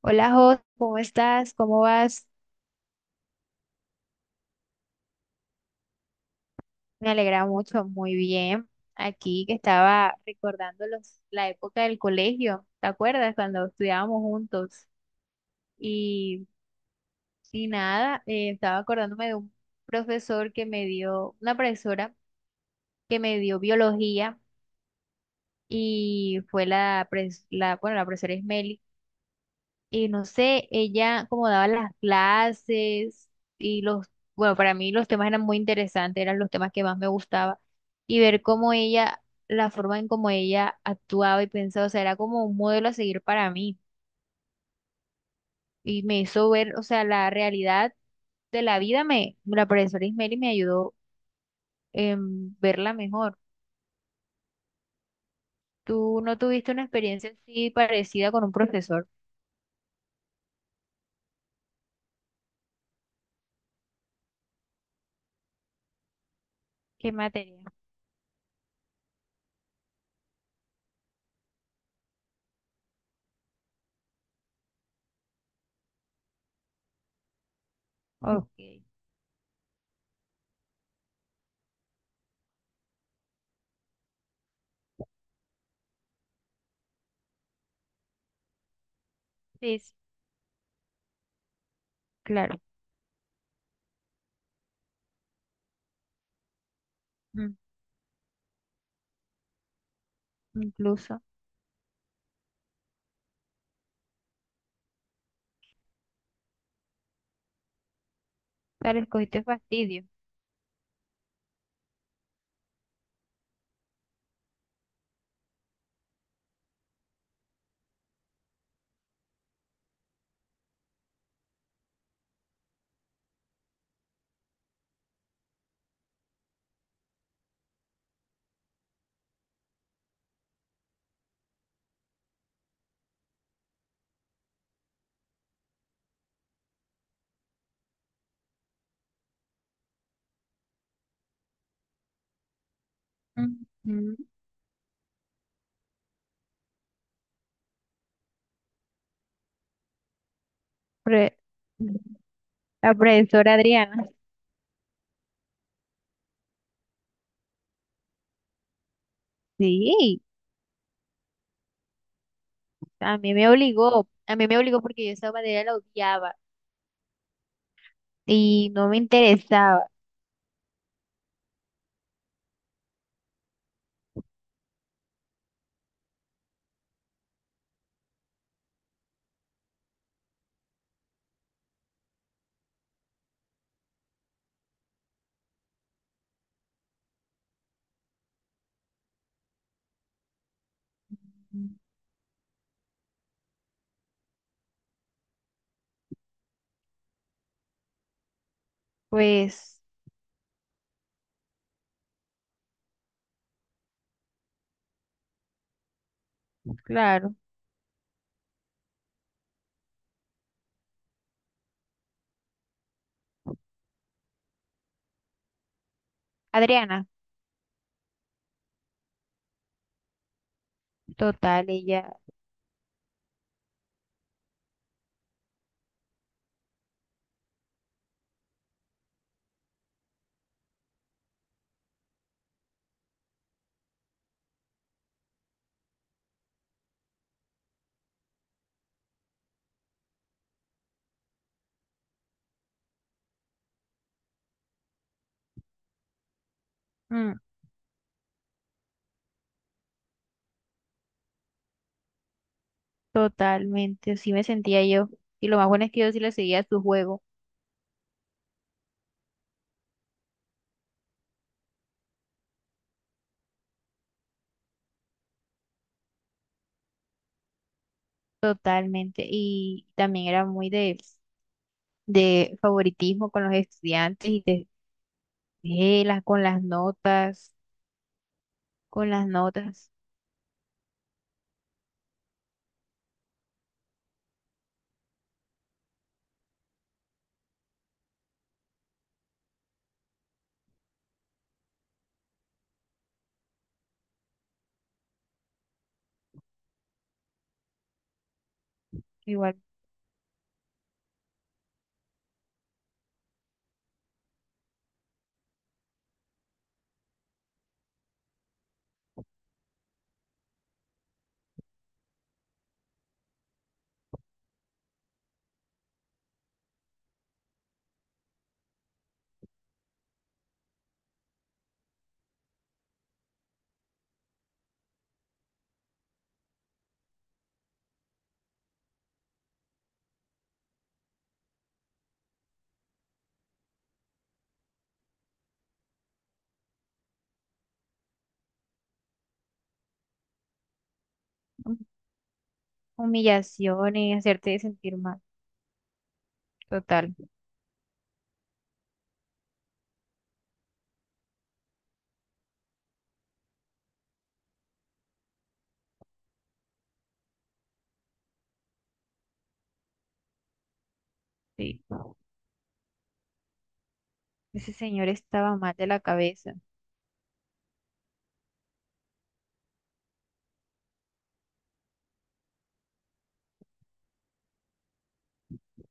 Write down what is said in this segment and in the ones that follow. Hola, Jos, ¿cómo estás? ¿Cómo vas? Me alegra mucho, muy bien. Aquí que estaba recordando la época del colegio, ¿te acuerdas? Cuando estudiábamos juntos. Y, y nada, estaba acordándome de un profesor que me dio, una profesora que me dio biología y fue la, pres- la bueno, la profesora Ismeli, y no sé, ella como daba las clases y bueno, para mí los temas eran muy interesantes, eran los temas que más me gustaba, y ver cómo ella, la forma en cómo ella actuaba y pensaba, o sea, era como un modelo a seguir para mí, y me hizo ver, o sea, la realidad de la vida. Me, la profesora Ismeri, me ayudó en verla mejor. ¿Tú no tuviste una experiencia así parecida con un profesor? ¿Qué materia? Ok. Sí, sí. Claro. mm, Incluso. Dale, escogiste fastidio. Ujú. Pre- la profesora Adriana. Sí, a mí me obligó. A mí me obligó porque yo esa materia la odiaba y no me interesaba. Pues, claro. Adriana, total, ella, mm, totalmente. Así me sentía yo. Y lo más bueno es que yo sí le seguía su juego, totalmente. Y también era muy de favoritismo con los estudiantes y de, con las notas, con las notas. Igual, hum- humillaciones, hacerte sentir mal. Total, sí. Ese señor estaba mal de la cabeza.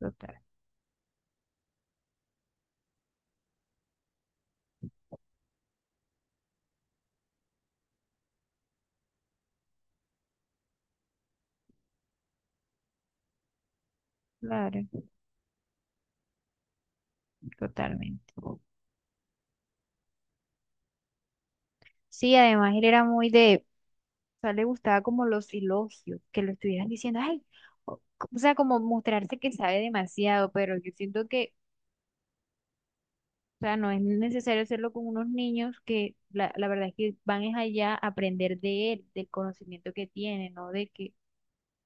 Total, claro, totalmente. Sí, además él era muy de, o sea, le gustaba como los elogios, que lo estuvieran diciendo, ay, o, o sea, como mostrarse que sabe demasiado, pero yo siento que, o sea, no es necesario hacerlo con unos niños que la verdad es que van es allá a aprender de él, del conocimiento que tiene, ¿no? De que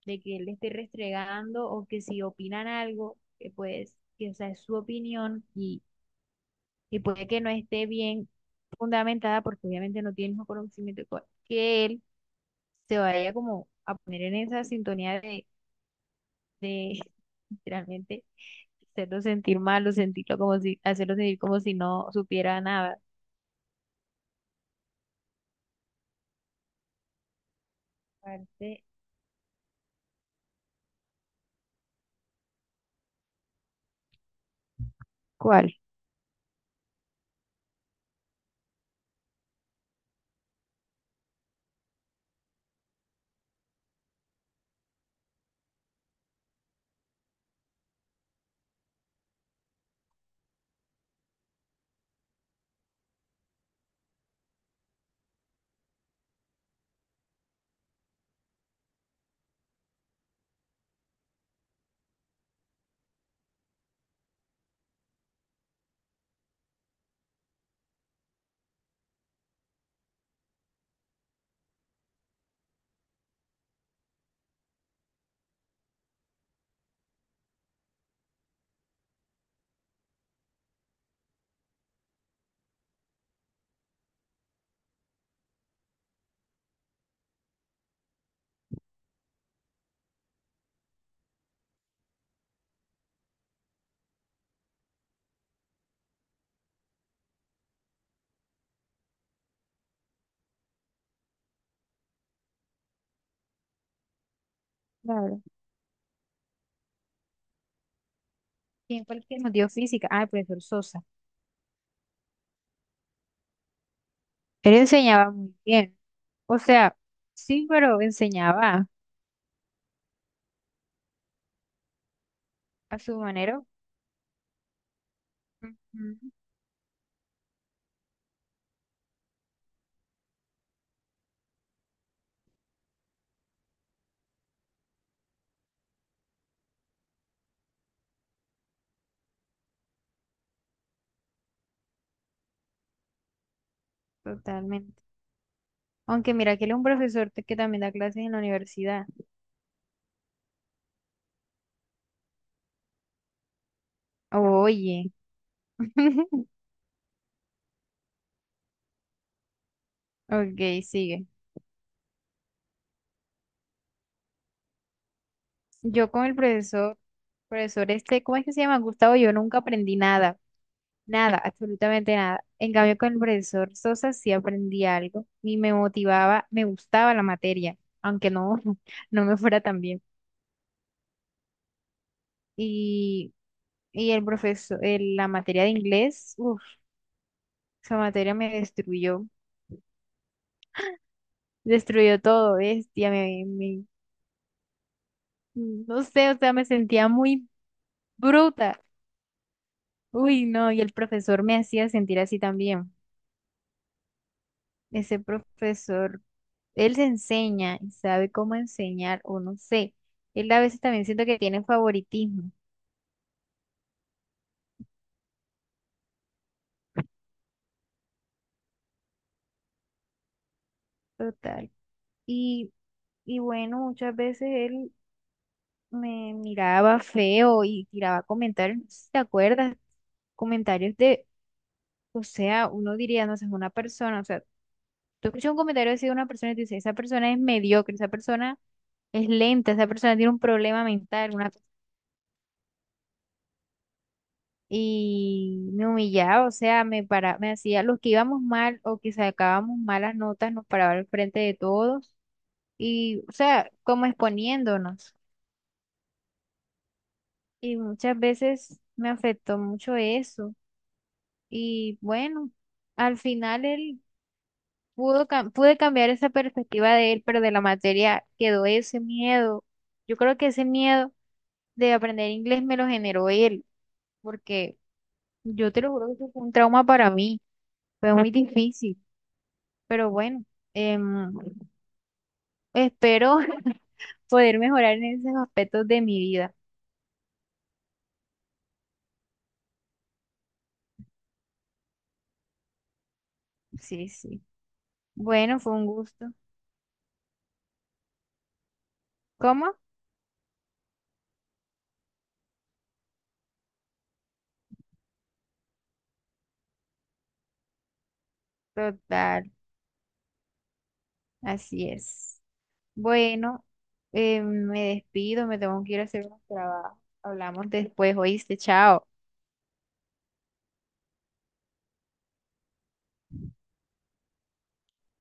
de que él le esté restregando, o que si opinan algo, que pues, que o sea, es su opinión, y puede que no esté bien fundamentada porque obviamente no tiene el mismo conocimiento que él, se vaya como a poner en esa sintonía de literalmente hacerlo sentir mal o sentirlo como si, hacerlo sentir como si no supiera nada. Parte- ¿Cuál? Claro. ¿Quién fue el que nos dio física? Ah, el profesor Sosa. Él enseñaba muy bien. O sea, sí, pero enseñaba. A su manera. Ujú. Totalmente. Aunque mira que él es que también da clases en la universidad. Oye. Ok, sigue. Yo con el profesor, profesor este, ¿cómo es que se llama? Gustavo, yo nunca aprendí nada. Nada, absolutamente nada. En cambio, con el profesor Sosa sí aprendí algo y me motivaba, me gustaba la materia, aunque no, no me fuera tan bien. Y, y el profesor, la materia de inglés, uff, esa materia me destruyó. Destruyó todo, bestia, no sé, o sea, me sentía muy bruta. Uy, no, y el profesor me hacía sentir así también. Ese profesor, él se enseña y sabe cómo enseñar, o no sé. Él a veces también siento que tiene favoritismo, total. Y, y bueno, muchas veces él me miraba feo y tiraba comentarios, no sé si te acuerdas, comentarios de, o sea, uno diría, no sé, es una persona, o sea, tú escuchas un comentario así de una persona y te dice, esa persona es mediocre, esa persona es lenta, esa persona tiene un problema mental, una cosa. Y me humillaba, o sea, me para, me hacía los que íbamos mal o que sacábamos malas notas, nos paraba al frente de todos y, o sea, como exponiéndonos. Y muchas veces me afectó mucho eso. Y bueno, al final él pude cambiar esa perspectiva de él, pero de la materia quedó ese miedo. Yo creo que ese miedo de aprender inglés me lo generó él, porque yo te lo juro que eso fue un trauma para mí, fue muy difícil, pero bueno, em, espero poder mejorar en esos aspectos de mi vida. Sí, sí. Bueno, fue un gusto. ¿Cómo? Total, así es. Bueno, me despido, me tengo que ir a hacer unos trabajos. Hablamos después, oíste, chao.